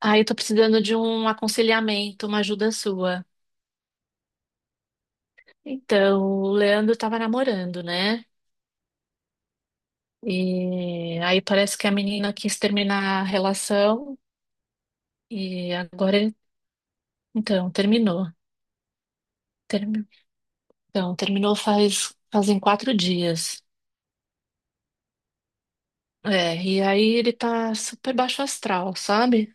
Ah, eu tô precisando de um aconselhamento, uma ajuda sua. Então, o Leandro tava namorando, né? E aí parece que a menina quis terminar a relação e agora ele, então, terminou. Termi- Então, terminou fazem 4 dias. É, e aí ele tá super baixo astral, sabe?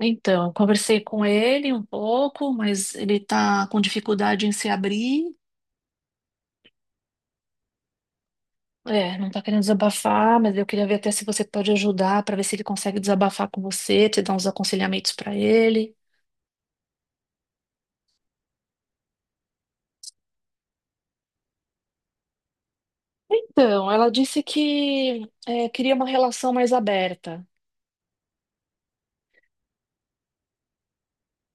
Então, eu conversei com ele um pouco, mas ele tá com dificuldade em se abrir. É, não tá querendo desabafar, mas eu queria ver até se você pode ajudar para ver se ele consegue desabafar com você, te dar uns aconselhamentos para ele. Então, ela disse que é, queria uma relação mais aberta.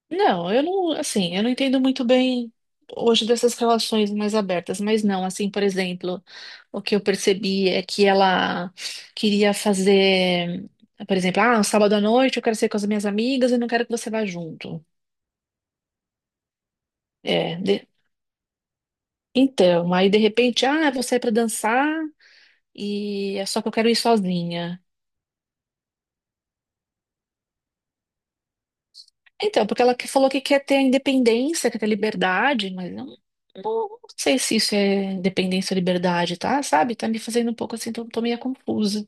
Não, eu não, assim, eu não entendo muito bem hoje dessas relações mais abertas, mas não, assim, por exemplo, o que eu percebi é que ela queria fazer, por exemplo, ah, um sábado à noite eu quero sair com as minhas amigas e não quero que você vá junto. É, de- Então, aí de repente, ah, vou sair pra dançar e é só que eu quero ir sozinha. Então, porque ela falou que quer ter a independência, quer ter liberdade, mas eu não, não sei se isso é independência ou liberdade, tá? Sabe? Tá me fazendo um pouco assim, tô meio confusa.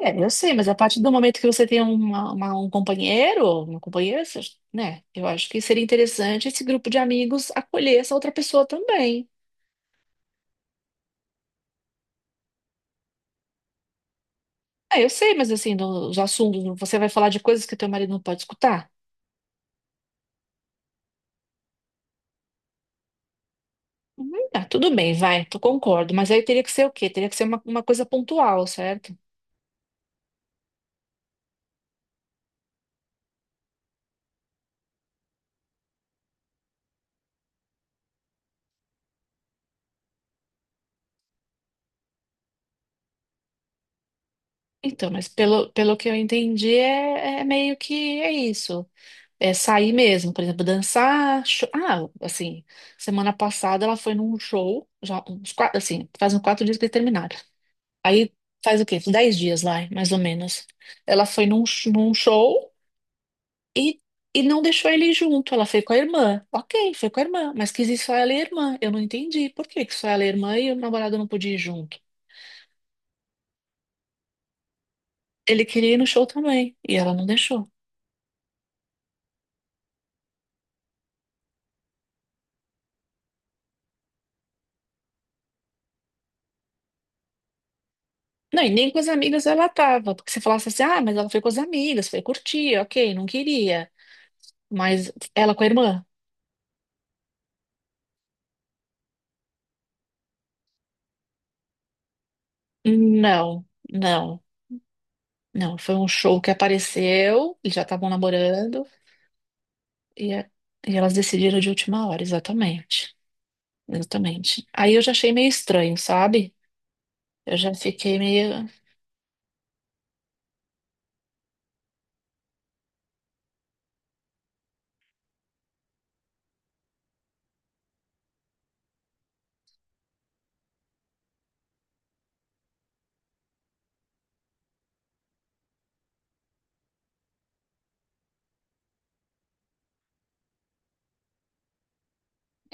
É, eu sei, mas a partir do momento que você tem um companheiro, uma companheira, você- né? Eu acho que seria interessante esse grupo de amigos acolher essa outra pessoa também. É, eu sei, mas assim, no- os assuntos, você vai falar de coisas que teu marido não pode escutar? Tá, tudo bem, vai, tu concordo, mas aí teria que ser o quê? Teria que ser uma coisa pontual, certo? Então, mas pelo, pelo que eu entendi, é, é meio que é isso. É sair mesmo, por exemplo, dançar. Ah, assim, semana passada ela foi num show, já uns 4, assim, faz uns 4 dias que eles terminaram. Aí faz o quê? Uns 10 dias lá, mais ou menos. Ela foi num show. E, e não deixou ele ir junto, ela foi com a irmã. Ok, foi com a irmã, mas quis ir só ela e a irmã. Eu não entendi por que que só ela e a irmã e o namorado não podia ir junto. Ele queria ir no show também, e ela não deixou. Não, e nem com as amigas ela tava, porque se falasse assim, ah, mas ela foi com as amigas, foi curtir, ok, não queria. Mas ela com a irmã? Não, não, não. Foi um show que apareceu, eles já estavam namorando, e, e elas decidiram de última hora, exatamente. Exatamente. Aí eu já achei meio estranho, sabe? Eu já fiquei meio.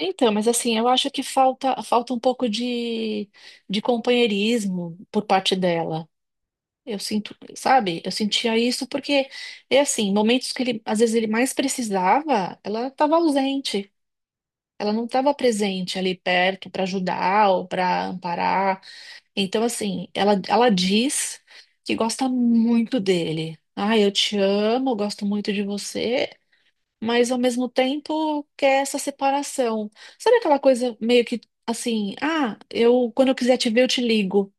Então, mas assim, eu acho que falta um pouco de companheirismo por parte dela. Eu sinto, sabe? Eu sentia isso porque é assim, momentos que ele, às vezes ele mais precisava, ela estava ausente. Ela não estava presente ali perto para ajudar ou para amparar. Então, assim, ela diz que gosta muito dele. Ah, eu te amo, eu gosto muito de você, mas ao mesmo tempo quer essa separação. Sabe aquela coisa meio que assim, ah, eu quando eu quiser te ver, eu te ligo.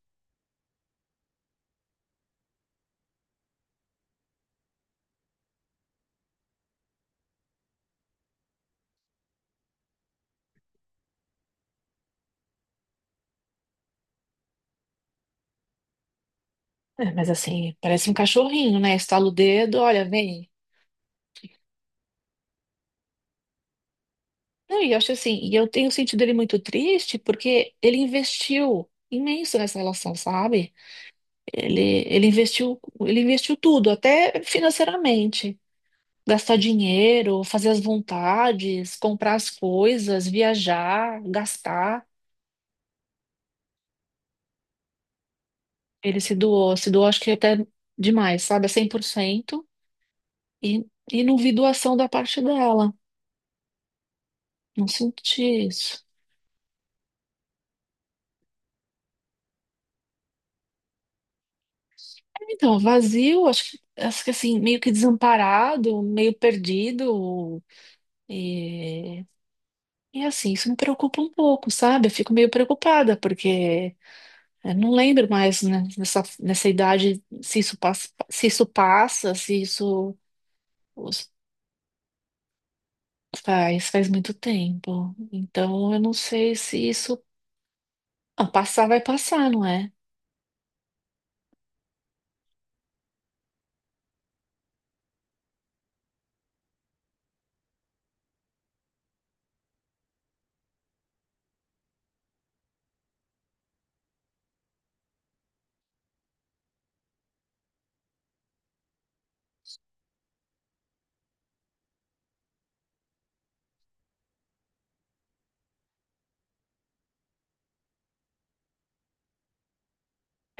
É, mas assim, parece um cachorrinho, né? Estala o dedo, olha, vem. Não, e eu acho assim, e eu tenho sentido ele muito triste porque ele investiu imenso nessa relação, sabe? Ele investiu, ele investiu tudo, até financeiramente. Gastar dinheiro, fazer as vontades, comprar as coisas, viajar, gastar. Ele se doou, se doou acho que até demais, sabe? É 100%. E, e não vi doação da parte dela. Não senti isso. Então, vazio, acho que assim, meio que desamparado, meio perdido. E, e assim, isso me preocupa um pouco, sabe? Eu fico meio preocupada, porque eu não lembro mais, né, nessa idade se isso passa, se isso passa, se isso os- faz, faz muito tempo. Então, eu não sei se isso. Ah, passar vai passar, não é?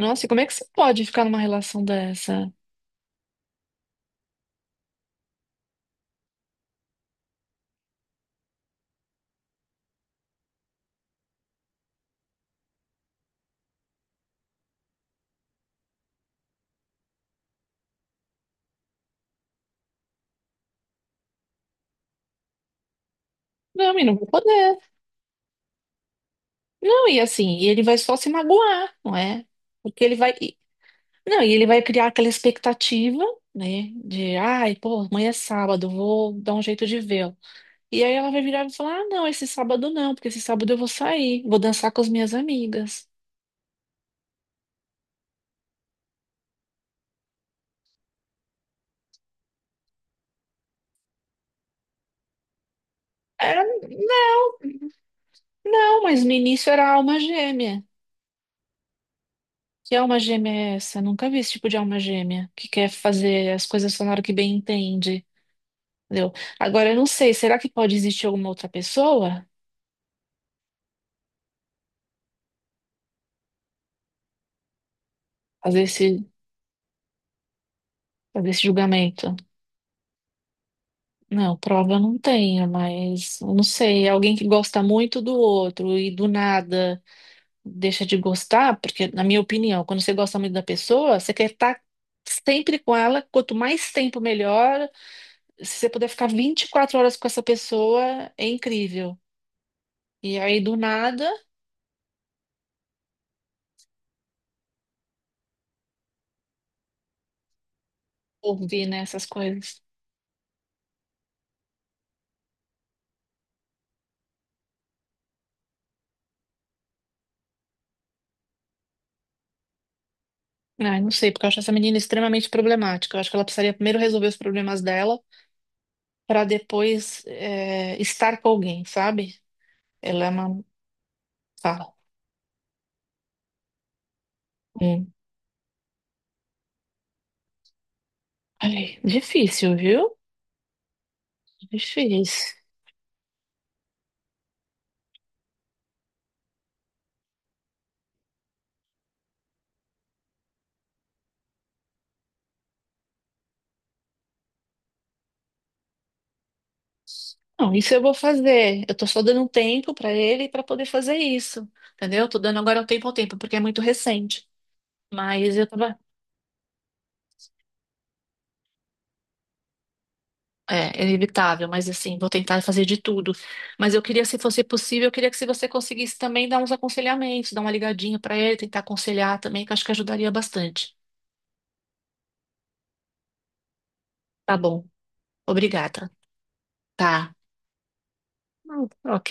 Nossa, e como é que você pode ficar numa relação dessa? Não, e não vai poder. Não, e assim, e ele vai só se magoar, não é? Porque Não, e ele vai criar aquela expectativa, né? De, ai, pô, amanhã é sábado, vou dar um jeito de vê-lo. E aí ela vai virar e falar: ah, não, esse sábado não, porque esse sábado eu vou sair, vou dançar com as minhas amigas. É, né? Não, mas no início era alma gêmea. Que alma gêmea é essa? Nunca vi esse tipo de alma gêmea que quer fazer as coisas só na hora que bem entende. Entendeu? Agora, eu não sei, será que pode existir alguma outra pessoa fazer fazer esse julgamento? Não, prova eu não tenho, mas eu não sei. É. Alguém que gosta muito do outro e do nada deixa de gostar, porque, na minha opinião, quando você gosta muito da pessoa, você quer estar sempre com ela, quanto mais tempo melhor. Se você puder ficar 24 horas com essa pessoa, é incrível. E aí, do nada, ouvi, né, essas coisas. Ai, não sei, porque eu acho essa menina extremamente problemática. Eu acho que ela precisaria primeiro resolver os problemas dela para depois é, estar com alguém, sabe? Ela é uma. Fala. Hum. Ai, difícil, viu? Difícil. Não, isso eu vou fazer. Eu tô só dando um tempo para ele para poder fazer isso. Entendeu? Tô dando agora um tempo ao tempo, porque é muito recente. Mas eu tava. É, é inevitável, mas assim, vou tentar fazer de tudo. Mas eu queria, se fosse possível, eu queria que se você conseguisse também dar uns aconselhamentos, dar uma ligadinha pra ele, tentar aconselhar também, que eu acho que ajudaria bastante. Tá bom, obrigada. Tá, ok.